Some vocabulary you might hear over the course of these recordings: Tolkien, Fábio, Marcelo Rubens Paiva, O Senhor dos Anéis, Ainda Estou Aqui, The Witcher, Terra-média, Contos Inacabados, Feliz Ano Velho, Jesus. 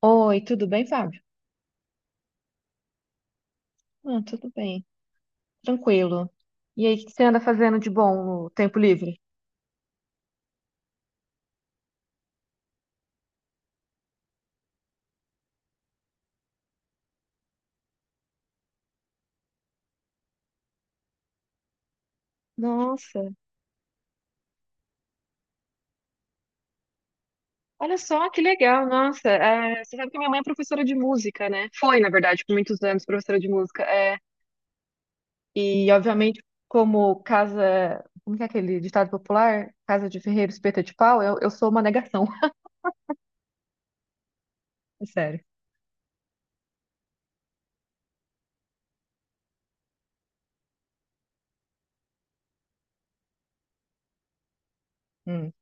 Oi, tudo bem, Fábio? Ah, tudo bem, tranquilo. E aí, o que que você anda fazendo de bom no tempo livre? Nossa, olha só que legal, nossa. Você sabe que minha mãe é professora de música, né? Foi, na verdade, por muitos anos professora de música. E, obviamente, como casa. Como que é aquele ditado popular? Casa de ferreiro, espeta de pau, eu sou uma negação, é sério. Hum.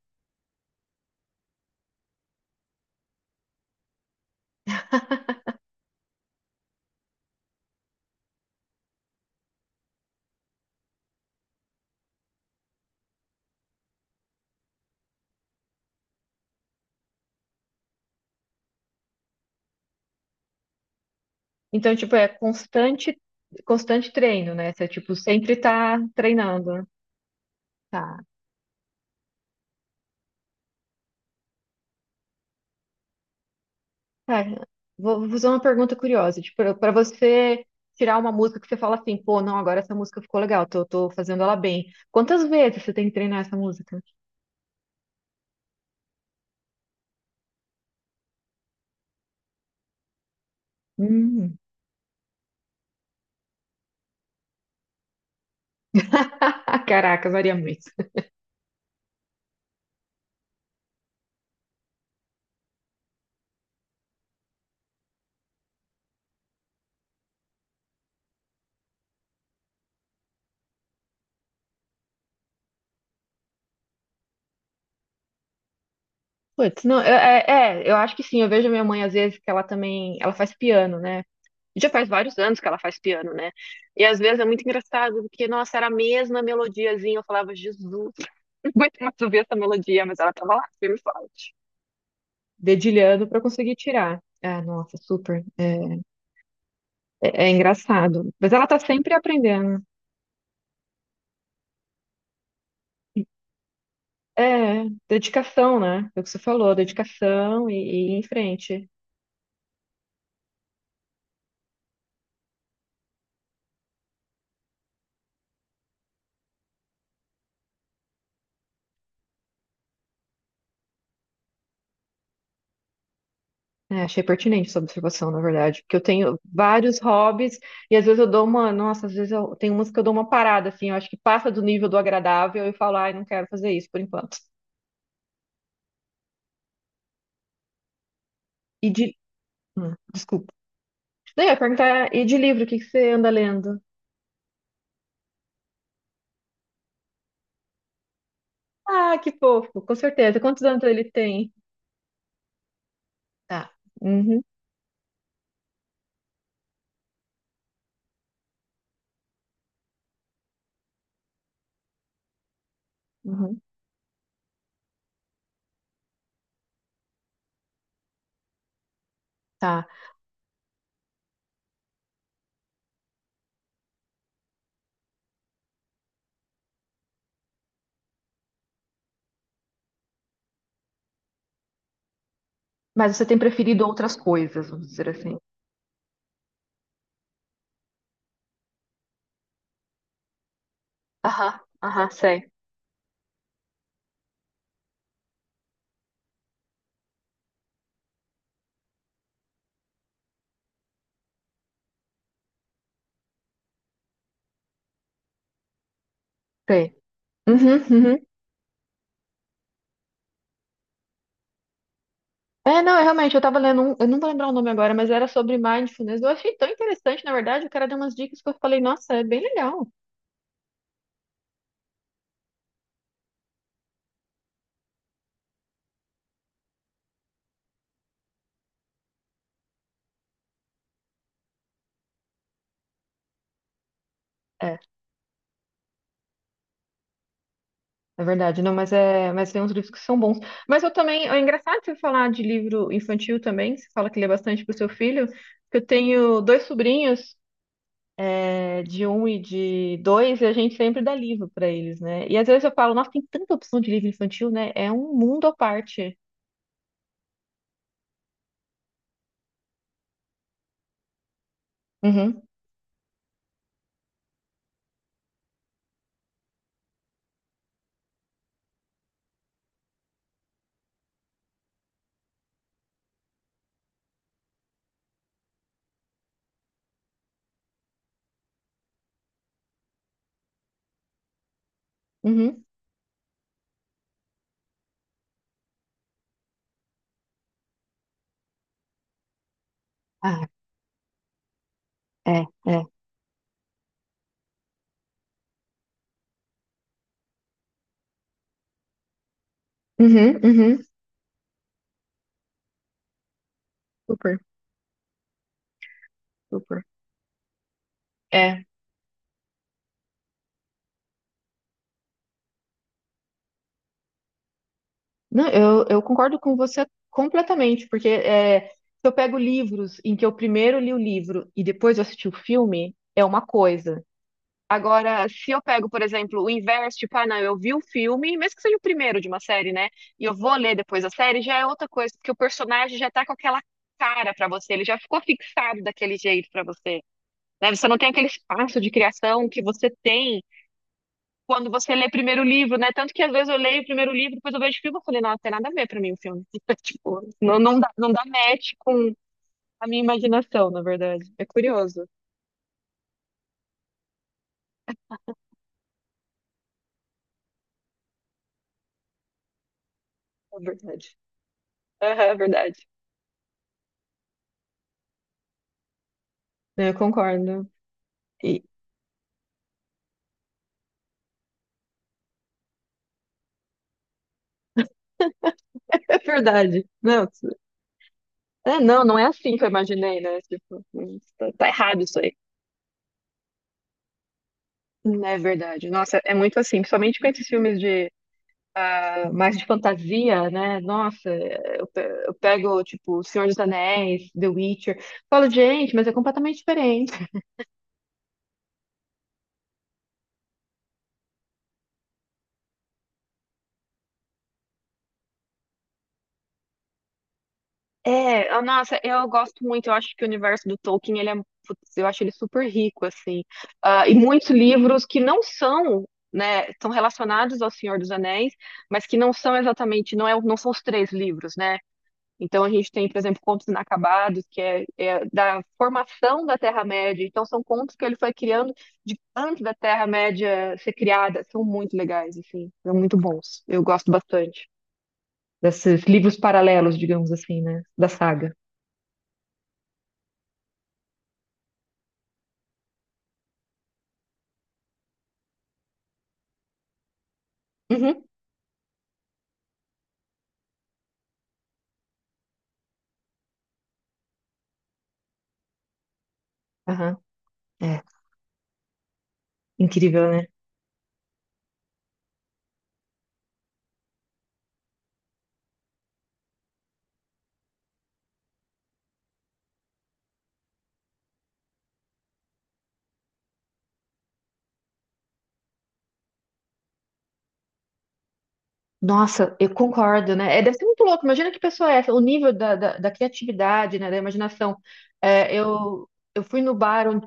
Então, tipo, constante treino, né? Você, tipo, sempre tá treinando. Tá. Cara, vou fazer uma pergunta curiosa. Tipo, para você tirar uma música que você fala assim, pô, não, agora essa música ficou legal, tô fazendo ela bem. Quantas vezes você tem que treinar essa música? Hum. Ah, caraca, varia muito. Putz, não, eu acho que sim. Eu vejo minha mãe às vezes que ela também, ela faz piano, né? Já faz vários anos que ela faz piano, né? E às vezes é muito engraçado, porque, nossa, era a mesma melodiazinha. Eu falava, Jesus, não aguento mais ouvir essa melodia, mas ela tava lá, firme e forte, dedilhando para conseguir tirar. Ah, nossa, super. É engraçado. Mas ela tá sempre aprendendo. É, dedicação, né? É o que você falou, dedicação e ir em frente. É, achei pertinente sua observação, na verdade, porque eu tenho vários hobbies e às vezes eu dou uma, nossa, às vezes eu tenho umas que eu dou uma parada, assim, eu acho que passa do nível do agradável e eu falo, ai, não quero fazer isso por enquanto. E de, desculpa. Daí eu ia perguntar, e de livro, o que que você anda lendo? Ah, que fofo, com certeza. Quantos anos ele tem? Tá. Uhum. Uhum, tá. Mas você tem preferido outras coisas, vamos dizer assim. Aham, aham, sei, sei. Uhum, uhum. É, não, é, Realmente, eu tava lendo um, eu não vou lembrar o nome agora, mas era sobre mindfulness. Eu achei tão interessante, na verdade, o cara deu umas dicas que eu falei, nossa, é bem legal. É, é verdade, não, mas tem uns livros que são bons. Mas eu também, é engraçado você falar de livro infantil também, você fala que lê bastante pro seu filho, que eu tenho dois sobrinhos, é, de um e de dois, e a gente sempre dá livro para eles, né? E às vezes eu falo, nossa, tem tanta opção de livro infantil, né? É um mundo à parte. Uhum, uhum, Ah, é, é. uhum, uhum. Super, super. É, não, eu concordo com você completamente, porque é, se eu pego livros em que eu primeiro li o livro e depois eu assisti o filme, é uma coisa. Agora, se eu pego, por exemplo, o inverso, tipo, ah, não, eu vi o filme, mesmo que seja o primeiro de uma série, né? E eu vou ler depois a série, já é outra coisa, porque o personagem já tá com aquela cara pra você, ele já ficou fixado daquele jeito pra você, né? Você não tem aquele espaço de criação que você tem quando você lê primeiro o livro, né? Tanto que às vezes eu leio o primeiro livro, depois eu vejo o filme, eu falei, não tem nada a ver pra mim o filme. Tipo, não dá match com a minha imaginação, na verdade. É curioso, na verdade. Aham, é verdade. É, eu concordo. E, verdade. Não, não, não é assim que eu imaginei, né? Tipo, tá errado isso aí. É verdade. Nossa, é muito assim, principalmente com esses filmes de mais de fantasia, né? Nossa, eu pego, tipo, O Senhor dos Anéis, The Witcher, falo, gente, mas é completamente diferente. Nossa, eu gosto muito, eu acho que o universo do Tolkien, putz, eu acho ele super rico, assim. Ah, e muitos livros que não são, né, são relacionados ao Senhor dos Anéis, mas que não são exatamente, não são os três livros, né? Então a gente tem, por exemplo, Contos Inacabados, é da formação da Terra-média, então são contos que ele foi criando de antes da Terra-média ser criada, são muito legais, assim, são muito bons, eu gosto bastante desses livros paralelos, digamos assim, né, da saga. Uhum. Aham, é. Incrível, né? Nossa, eu concordo, né? É, deve ser muito louco. Imagina que pessoa é essa, o nível da criatividade, né? Da imaginação. É, eu, eu fui no bar onde,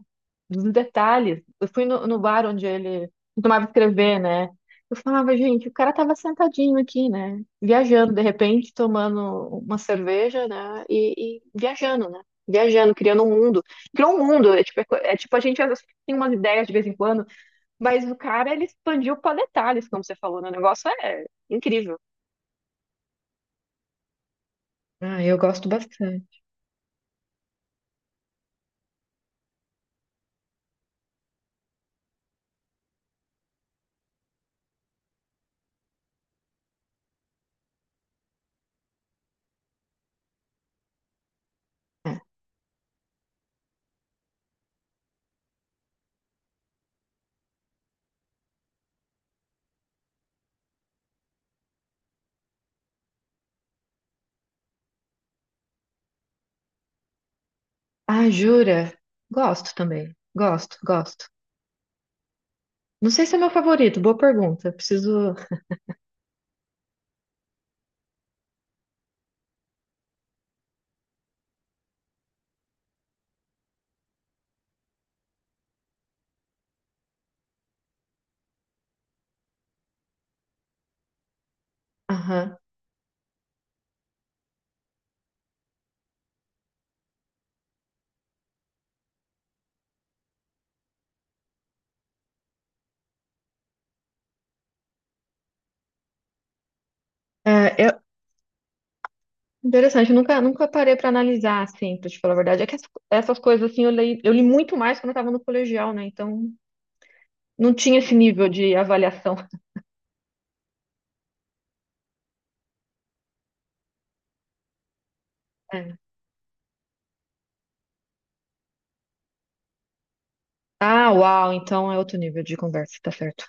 dos detalhes, eu fui no bar onde ele tomava escrever, né? Eu falava, gente, o cara tava sentadinho aqui, né? Viajando, de repente, tomando uma cerveja, né? E viajando, né? Viajando, criando um mundo. Criou um mundo, é tipo a gente às vezes, tem umas ideias de vez em quando. Mas o cara, ele expandiu para detalhes, como você falou, né? O negócio é incrível. Ah, eu gosto bastante. É. Ah, jura? Gosto também. Gosto, gosto. Não sei se é meu favorito, boa pergunta. Preciso. Aham. É, eu- Interessante, eu nunca, nunca parei para analisar, assim, pra te falar a verdade. Essas coisas, assim, eu li muito mais quando eu tava no colegial, né? Então, não tinha esse nível de avaliação. É. Ah, uau, então é outro nível de conversa, tá certo.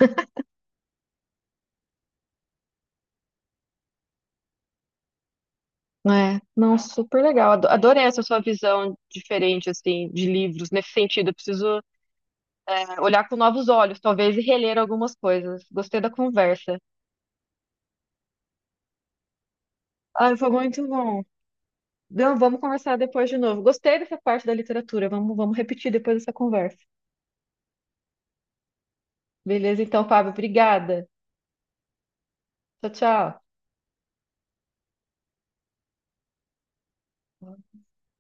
É, não, super legal. Adorei essa sua visão diferente, assim, de livros, nesse sentido. Eu preciso, é, olhar com novos olhos, talvez, e reler algumas coisas. Gostei da conversa. Ai, foi muito bom. Não, vamos conversar depois de novo. Gostei dessa parte da literatura. Vamos repetir depois dessa conversa. Beleza, então, Fábio, obrigada. Tchau, tchau.